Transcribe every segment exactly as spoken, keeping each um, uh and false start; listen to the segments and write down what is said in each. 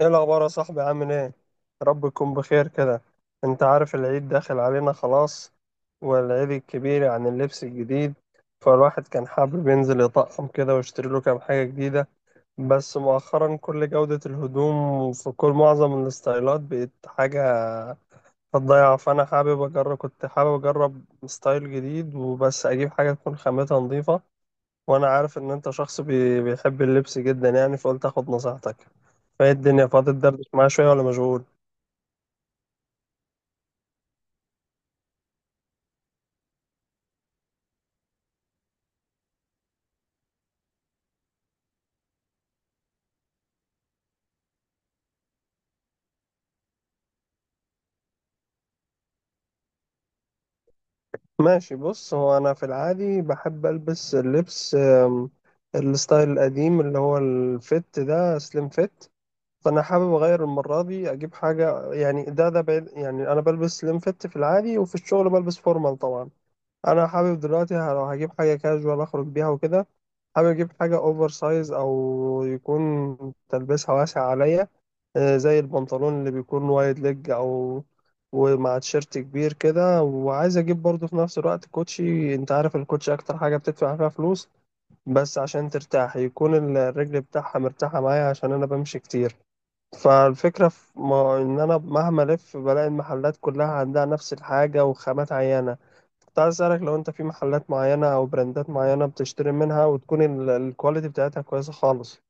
ايه الاخبار يا صاحبي؟ عامل ايه؟ رب يكون بخير كده. انت عارف العيد داخل علينا خلاص، والعيد الكبير عن اللبس الجديد، فالواحد كان حابب ينزل يطقم كده ويشتري له كام حاجة جديدة. بس مؤخرا كل جودة الهدوم في كل معظم الستايلات بقت حاجة هتضيع. فانا حابب اجرب، كنت حابب اجرب ستايل جديد وبس اجيب حاجة تكون خامتها نظيفة. وانا عارف ان انت شخص بي... بيحب اللبس جدا يعني، فقلت اخد نصيحتك. فايه الدنيا، فاضي تدردش معايا شوية ولا مشغول؟ ماشي، بص هو انا في العادي بحب البس اللبس أم، الستايل القديم اللي هو الفت ده، سليم فت. فانا حابب اغير المرة دي، اجيب حاجة يعني ده ده بعيد، يعني انا بلبس سليم فت في العادي، وفي الشغل بلبس فورمال طبعا. انا حابب دلوقتي ه- لو هجيب حاجه كاجوال اخرج بيها وكده، حابب اجيب حاجه اوفر سايز، او يكون تلبسها واسع عليا. آه، زي البنطلون اللي بيكون وايد ليج، او ومع تيشيرت كبير كده. وعايز اجيب برضه في نفس الوقت كوتشي. انت عارف الكوتشي اكتر حاجه بتدفع فيها فلوس بس عشان ترتاح، يكون الرجل بتاعها مرتاحه معايا عشان انا بمشي كتير. فالفكرة في ما إن أنا مهما ألف بلاقي المحلات كلها عندها نفس الحاجة وخامات عينة. كنت عايز أسألك لو أنت في محلات معينة أو براندات معينة بتشتري منها وتكون ال- الكواليتي بتاعتها كويسة خالص.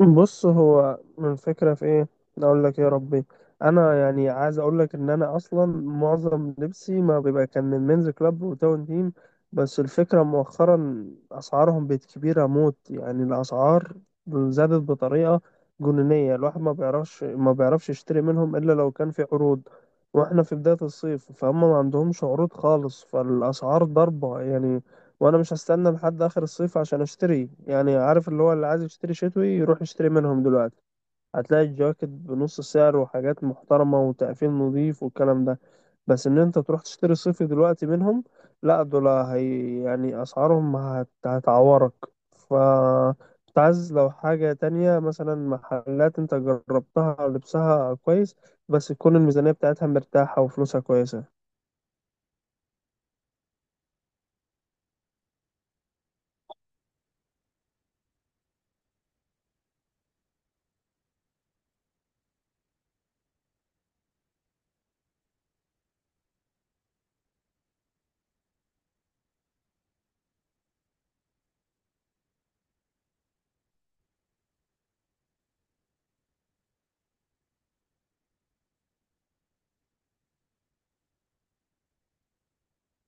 بص، هو من الفكرة في ايه، اقول لك يا ربي. انا يعني عايز اقول لك ان انا اصلا معظم لبسي ما بيبقى كان من مينز كلاب وتاون تيم. بس الفكرة مؤخرا اسعارهم بقت كبيرة موت، يعني الاسعار زادت بطريقة جنونية. الواحد ما بيعرفش ما بيعرفش يشتري منهم الا لو كان في عروض. واحنا في بداية الصيف فهم ما عندهمش عروض خالص، فالاسعار ضربة يعني. وانا مش هستنى لحد اخر الصيف عشان اشتري. يعني عارف اللي هو اللي عايز يشتري شتوي يروح يشتري منهم دلوقتي، هتلاقي الجواكت بنص سعر وحاجات محترمة وتقفيل نظيف والكلام ده. بس ان انت تروح تشتري صيفي دلوقتي منهم، لا دول هي يعني اسعارهم هت... هتعورك. ف كنت عايز، لو حاجة تانية مثلا محلات انت جربتها أو لبسها كويس بس تكون الميزانية بتاعتها مرتاحة وفلوسها كويسة.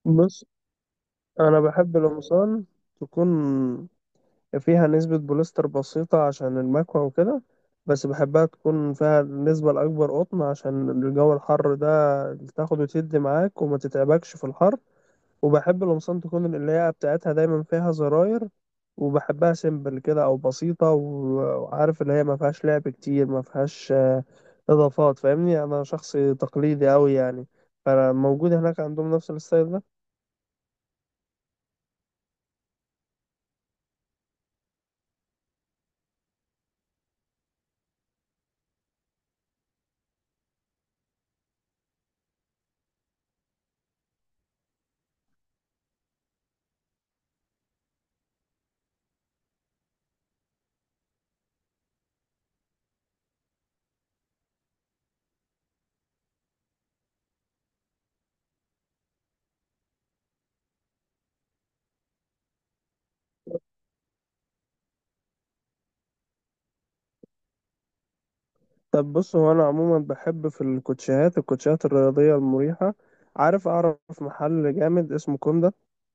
بص، انا بحب القمصان تكون فيها نسبة بوليستر بسيطة عشان المكوى وكده، بس بحبها تكون فيها النسبة الأكبر قطن عشان الجو الحر ده، تاخد وتدي معاك وما تتعبكش في الحر. وبحب القمصان تكون القلاية بتاعتها دايما فيها زراير، وبحبها سيمبل كده أو بسيطة، و- وعارف اللي هي ما فيهاش لعب كتير، ما فيهاش آه، إضافات. فاهمني، أنا شخص تقليدي أوي يعني. فموجود هناك عندهم نفس الستايل ده؟ طب بص، هو انا عموما بحب في الكوتشيهات، الكوتشيهات الرياضيه المريحه. عارف، اعرف محل جامد اسمه كوندا.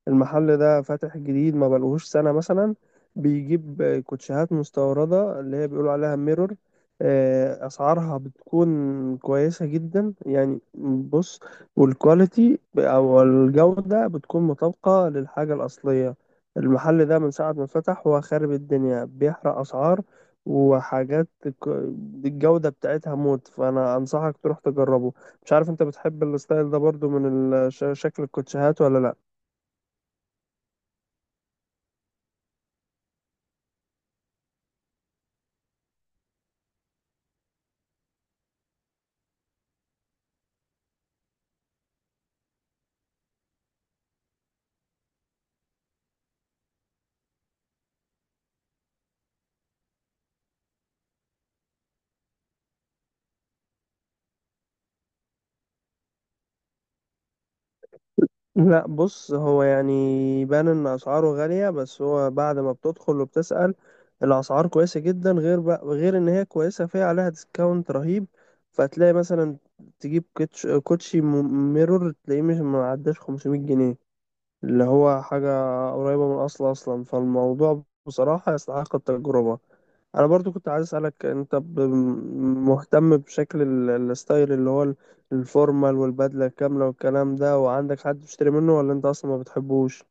المحل ده فاتح جديد، ما بقالهوش سنه مثلا. بيجيب كوتشيهات مستورده اللي هي بيقولوا عليها ميرور. آه، اسعارها بتكون كويسه جدا يعني. بص، والكواليتي او الجوده بتكون مطابقه للحاجه الاصليه. المحل ده من ساعه ما فتح هو خارب الدنيا، بيحرق اسعار وحاجات ك- الجودة بتاعتها موت. فأنا أنصحك تروح تجربه. مش عارف أنت بتحب الستايل ده برضو من ال- ش- شكل الكوتشيهات ولا لأ؟ لأ بص، هو يعني بان إن أسعاره غالية بس هو بعد ما بتدخل وبتسأل الأسعار كويسة جدا، غير بقى غير إن هي كويسة فيها، عليها ديسكاونت رهيب. فتلاقي مثلا تجيب كوتش كوتشي م- ميرور تلاقيه مش معداش خمسمائة جنيه، اللي هو حاجة قريبة من الأصل أصلا. فالموضوع بصراحة يستحق التجربة. أنا برضو كنت عايز أسألك، أنت ب- مهتم بشكل ال- الستايل اللي هو ال- الفورمال والبدلة الكاملة والكلام ده، وعندك حد بتشتري منه ولا أنت أصلا ما بتحبوش؟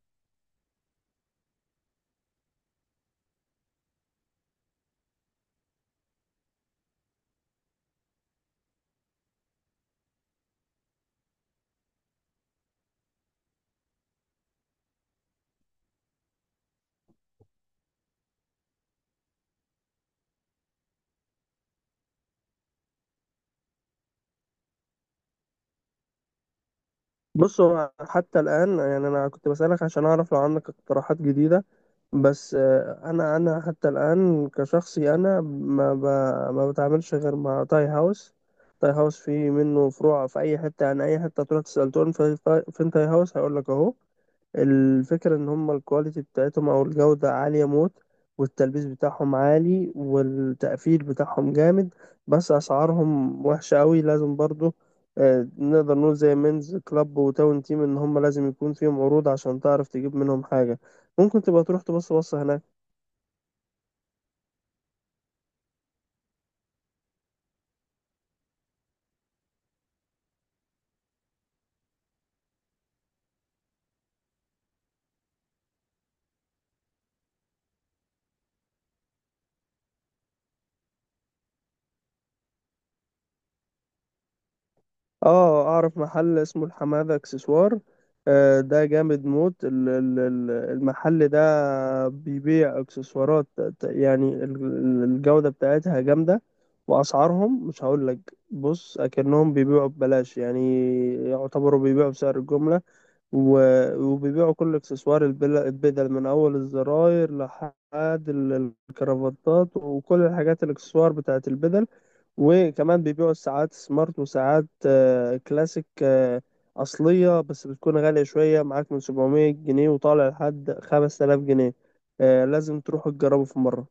بص، هو حتى الآن يعني أنا كنت بسألك عشان أعرف لو عندك اقتراحات جديدة. بس آه، انا انا حتى الان كشخصي، انا ما ب... ما بتعاملش غير مع تاي هاوس. تاي هاوس فيه منه فروع في اي حته. يعني اي حته تروح تسال تقول في... في تاي هاوس، هيقول لك اهو. الفكرة إن هما الكواليتي بتاعتهم أو الجودة عالية موت، والتلبيس بتاعهم عالي والتقفيل بتاعهم جامد. بس أسعارهم وحشة أوي، لازم برضو آه، نقدر نقول زي مينز كلاب وتاون تيم إن هما لازم يكون فيهم عروض عشان تعرف تجيب منهم حاجة. ممكن تبقى تروح تبص بص هناك. اه اعرف محل اسمه الحماده اكسسوار. آه، ده جامد موت. ال- ال- ال- المحل ده بيبيع اكسسوارات، ت- يعني ال- ال- الجودة بتاعتها جامدة. واسعارهم مش هقول لك، بص اكنهم بيبيعوا ببلاش يعني، يعتبروا بيبيعوا بسعر الجملة. و- وبيبيعوا كل اكسسوار البل- البدل من اول الزراير لحد ال- الكرافتات وكل الحاجات الاكسسوار بتاعت البدل. وكمان بيبيعوا ساعات سمارت وساعات آه، كلاسيك آه، أصلية، بس بتكون غالية شوية معاك من سبعمائة جنيه وطالع لحد خمس تلاف جنيه. آه، لازم تروحوا تجربوا في مرة.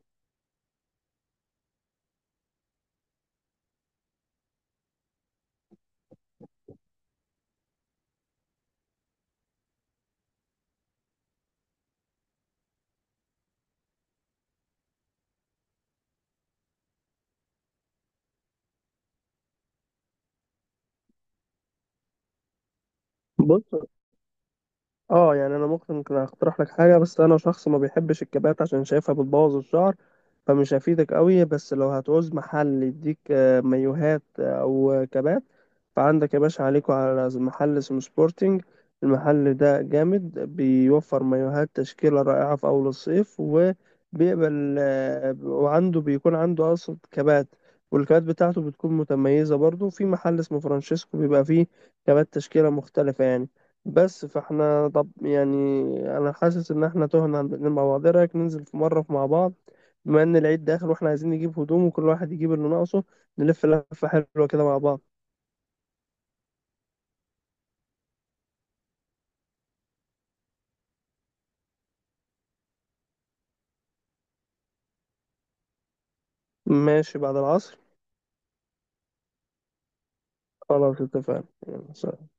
بص اه يعني انا ممكن كده اقترح لك حاجه، بس انا شخص ما بيحبش الكبات عشان شايفها بتبوظ الشعر، فمش هفيدك قوي. بس لو هتعوز محل يديك آه، مايوهات آه، او كبات، فعندك يا باشا، عليكوا على محل اسمه سبورتنج. المحل ده جامد، بيوفر مايوهات تشكيله رائعه في اول الصيف، وبيقبل آه، وعنده بيكون عنده اصلا كبات، والكبات بتاعته بتكون متميزه. برضو في محل اسمه فرانشيسكو بيبقى فيه كبات تشكيله مختلفه يعني. بس فاحنا طب يعني انا حاسس ان احنا تهنا عن الاتنين مع بعض. ايه رايك ننزل في مره مع بعض، بما ان العيد داخل واحنا عايزين نجيب هدوم وكل واحد يجيب اللي ناقصه، نلف لفه حلوه كده مع بعض؟ ماشي بعد العصر. خلاص اتفقنا، يلا سلام.